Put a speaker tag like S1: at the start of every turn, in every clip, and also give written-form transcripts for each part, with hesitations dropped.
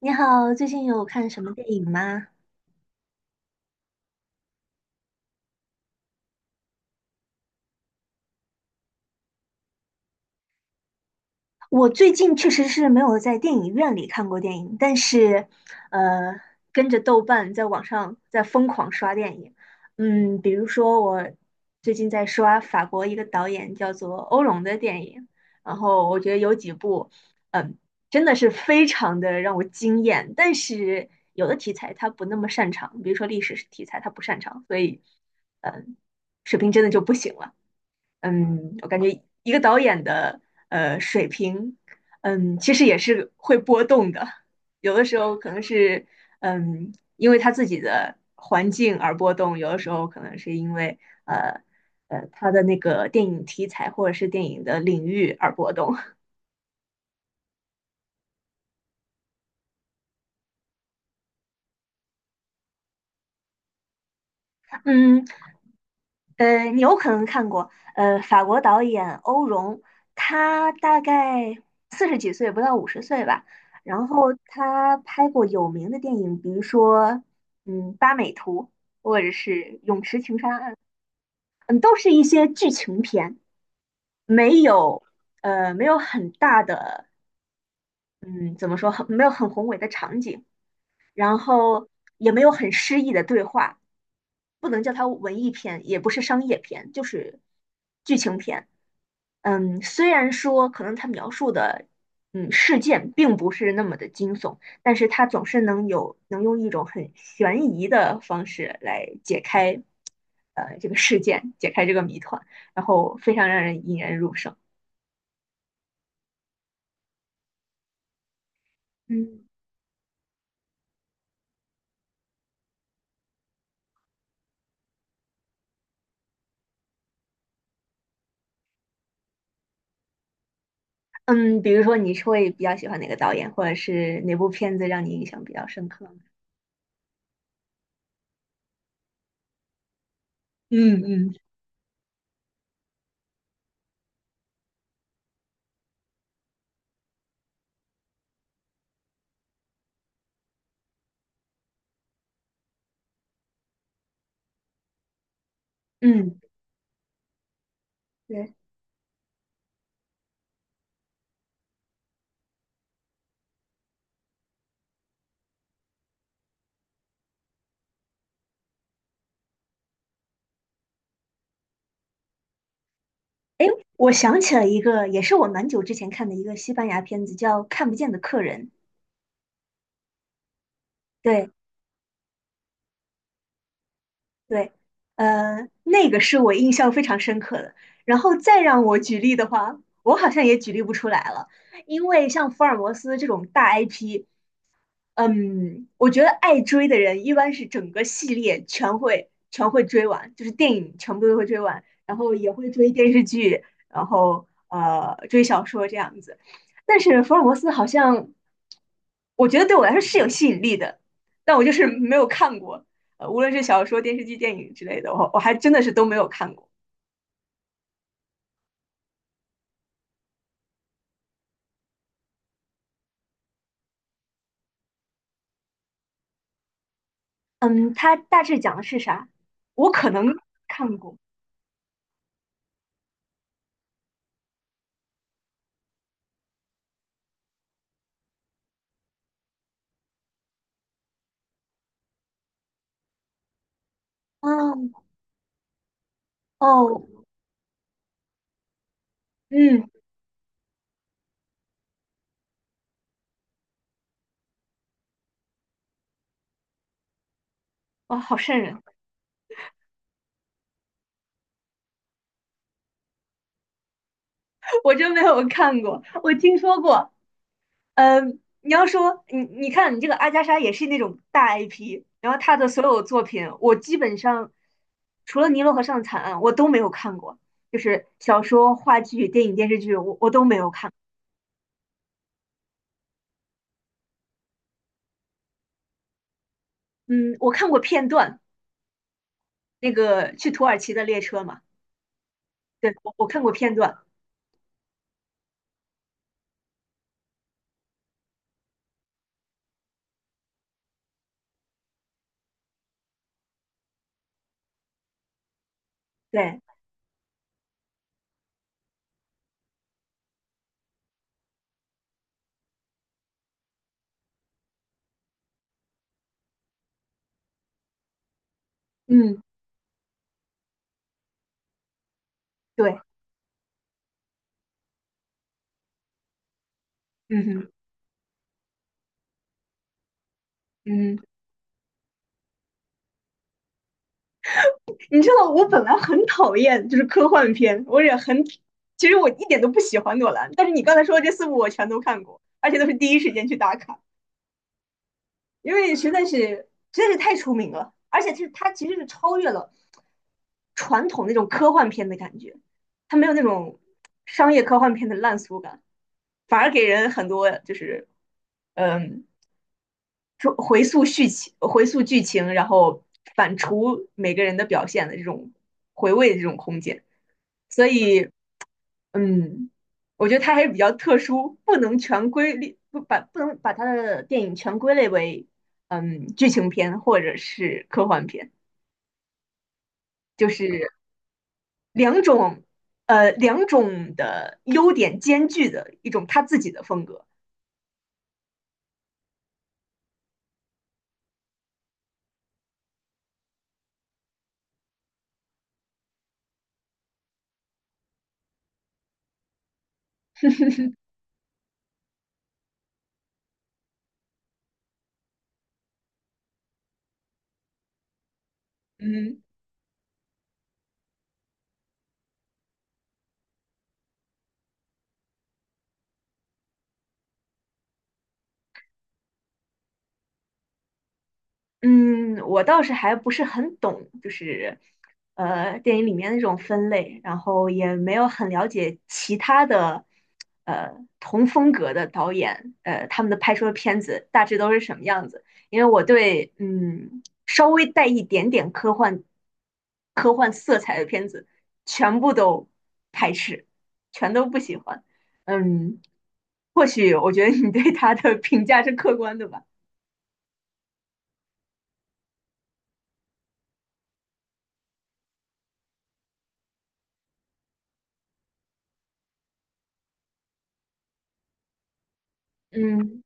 S1: 你好，最近有看什么电影吗？我最近确实是没有在电影院里看过电影，但是，呃，跟着豆瓣在网上在疯狂刷电影。比如说我最近在刷法国一个导演叫做欧龙的电影，然后我觉得有几部，嗯，真的是非常的让我惊艳。但是有的题材他不那么擅长，比如说历史题材他不擅长，所以，嗯，水平真的就不行了。我感觉一个导演的水平，其实也是会波动的。有的时候可能是因为他自己的环境而波动；有的时候可能是因为呃他的那个电影题材或者是电影的领域而波动。嗯，你有可能看过，法国导演欧容，他大概四十几岁，不到50岁吧。然后他拍过有名的电影，比如说，《八美图》或者是《泳池情杀案》，都是一些剧情片，没有，没有很大的，嗯，怎么说，没有很宏伟的场景，然后也没有很诗意的对话，不能叫它文艺片，也不是商业片，就是剧情片。虽然说可能它描述的事件并不是那么的惊悚，但是它总是能用一种很悬疑的方式来解开这个事件，解开这个谜团，然后非常让人引人入胜。嗯，嗯，比如说你是会比较喜欢哪个导演，或者是哪部片子让你印象比较深刻呢？嗯嗯。嗯，对。哎，我想起了一个，也是我蛮久之前看的一个西班牙片子，叫《看不见的客人》。对对，那个是我印象非常深刻的。然后再让我举例的话，我好像也举例不出来了，因为像福尔摩斯这种大 IP，我觉得爱追的人一般是整个系列全会追完，就是电影全部都会追完，然后也会追电视剧，然后追小说这样子。但是福尔摩斯好像，我觉得对我来说是有吸引力的，但我就是没有看过，无论是小说、电视剧、电影之类的，我还真的是都没有看过。嗯，它大致讲的是啥？我可能看过。嗯，哦，嗯，哇，好瘆人。我真没有看过，我听说过。你要说你看你这个阿加莎也是那种大 IP，然后她的所有作品，我基本上除了《尼罗河上的惨案》，我都没有看过，就是小说、话剧、电影、电视剧，我都没有看。嗯，我看过片段，那个去土耳其的列车嘛，对，我看过片段，对，嗯，对，嗯哼，嗯哼。你知道，我本来很讨厌就是科幻片，我也很，其实我一点都不喜欢诺兰，但是你刚才说的这四部我全都看过，而且都是第一时间去打卡，因为实在是太出名了，而且是它其实是超越了传统那种科幻片的感觉，它没有那种商业科幻片的烂俗感，反而给人很多就是嗯，说回溯剧情、回溯剧情，然后反刍每个人的表现的这种回味的这种空间。所以嗯，我觉得它还是比较特殊，不能全归类，不能把它的电影全归类为剧情片或者是科幻片，就是两种两种的优点兼具的一种他自己的风格。嗯。嗯，我倒是还不是很懂，就是电影里面那种分类，然后也没有很了解其他的呃同风格的导演，他们的拍出的片子大致都是什么样子。因为我对稍微带一点点科幻色彩的片子全部都排斥，全都不喜欢。嗯，或许我觉得你对他的评价是客观的吧。嗯。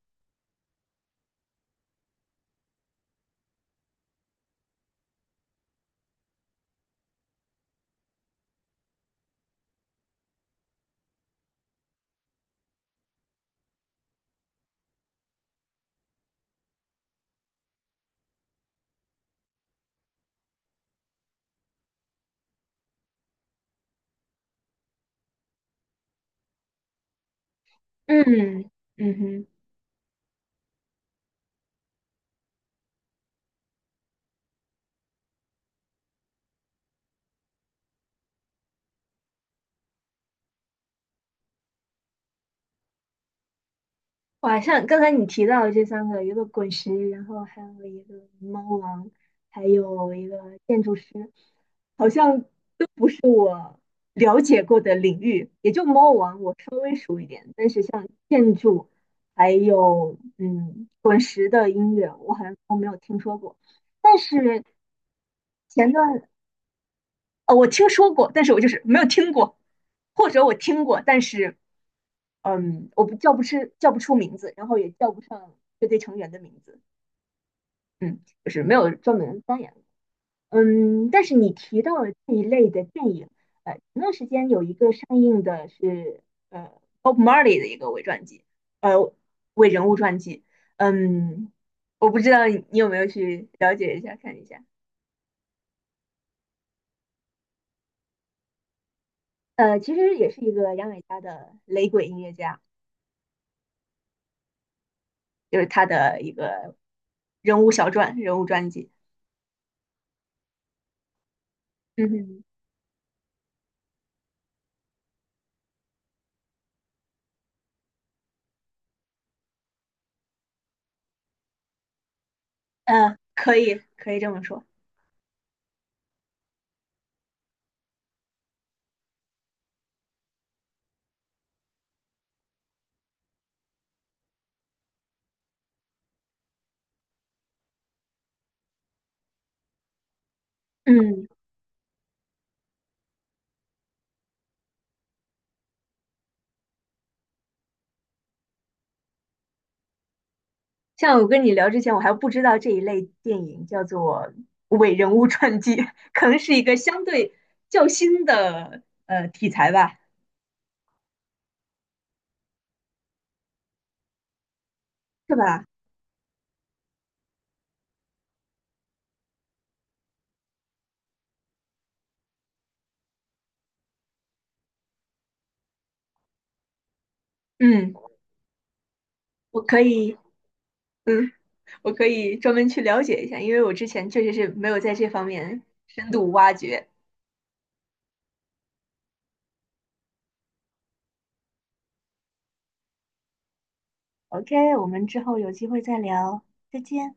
S1: 嗯嗯哼。哇，像刚才你提到的这三个，一个滚石，然后还有一个猫王，还有一个建筑师，好像了解过的领域，也就猫王我稍微熟一点，但是像建筑，还有滚石的音乐，我好像都没有听说过。但是前段我听说过，但是我就是没有听过，或者我听过，但是我不叫不出名字，然后也叫不上乐队成员的名字，嗯，就是没有专门钻研过，但是你提到了这一类的电影，前段时间有一个上映的是呃 Bob Marley 的一个伪传记，呃，伪人物传记，嗯，我不知道你有没有去了解一下看一下，其实也是一个牙买加的雷鬼音乐家，就是他的一个人物小传、人物传记，嗯哼。嗯，可以，可以这么说。嗯，像我跟你聊之前，我还不知道这一类电影叫做伪人物传记，可能是一个相对较新的题材吧，是吧？嗯，我可以，嗯，我可以专门去了解一下，因为我之前确实是没有在这方面深度挖掘。OK，我们之后有机会再聊，再见。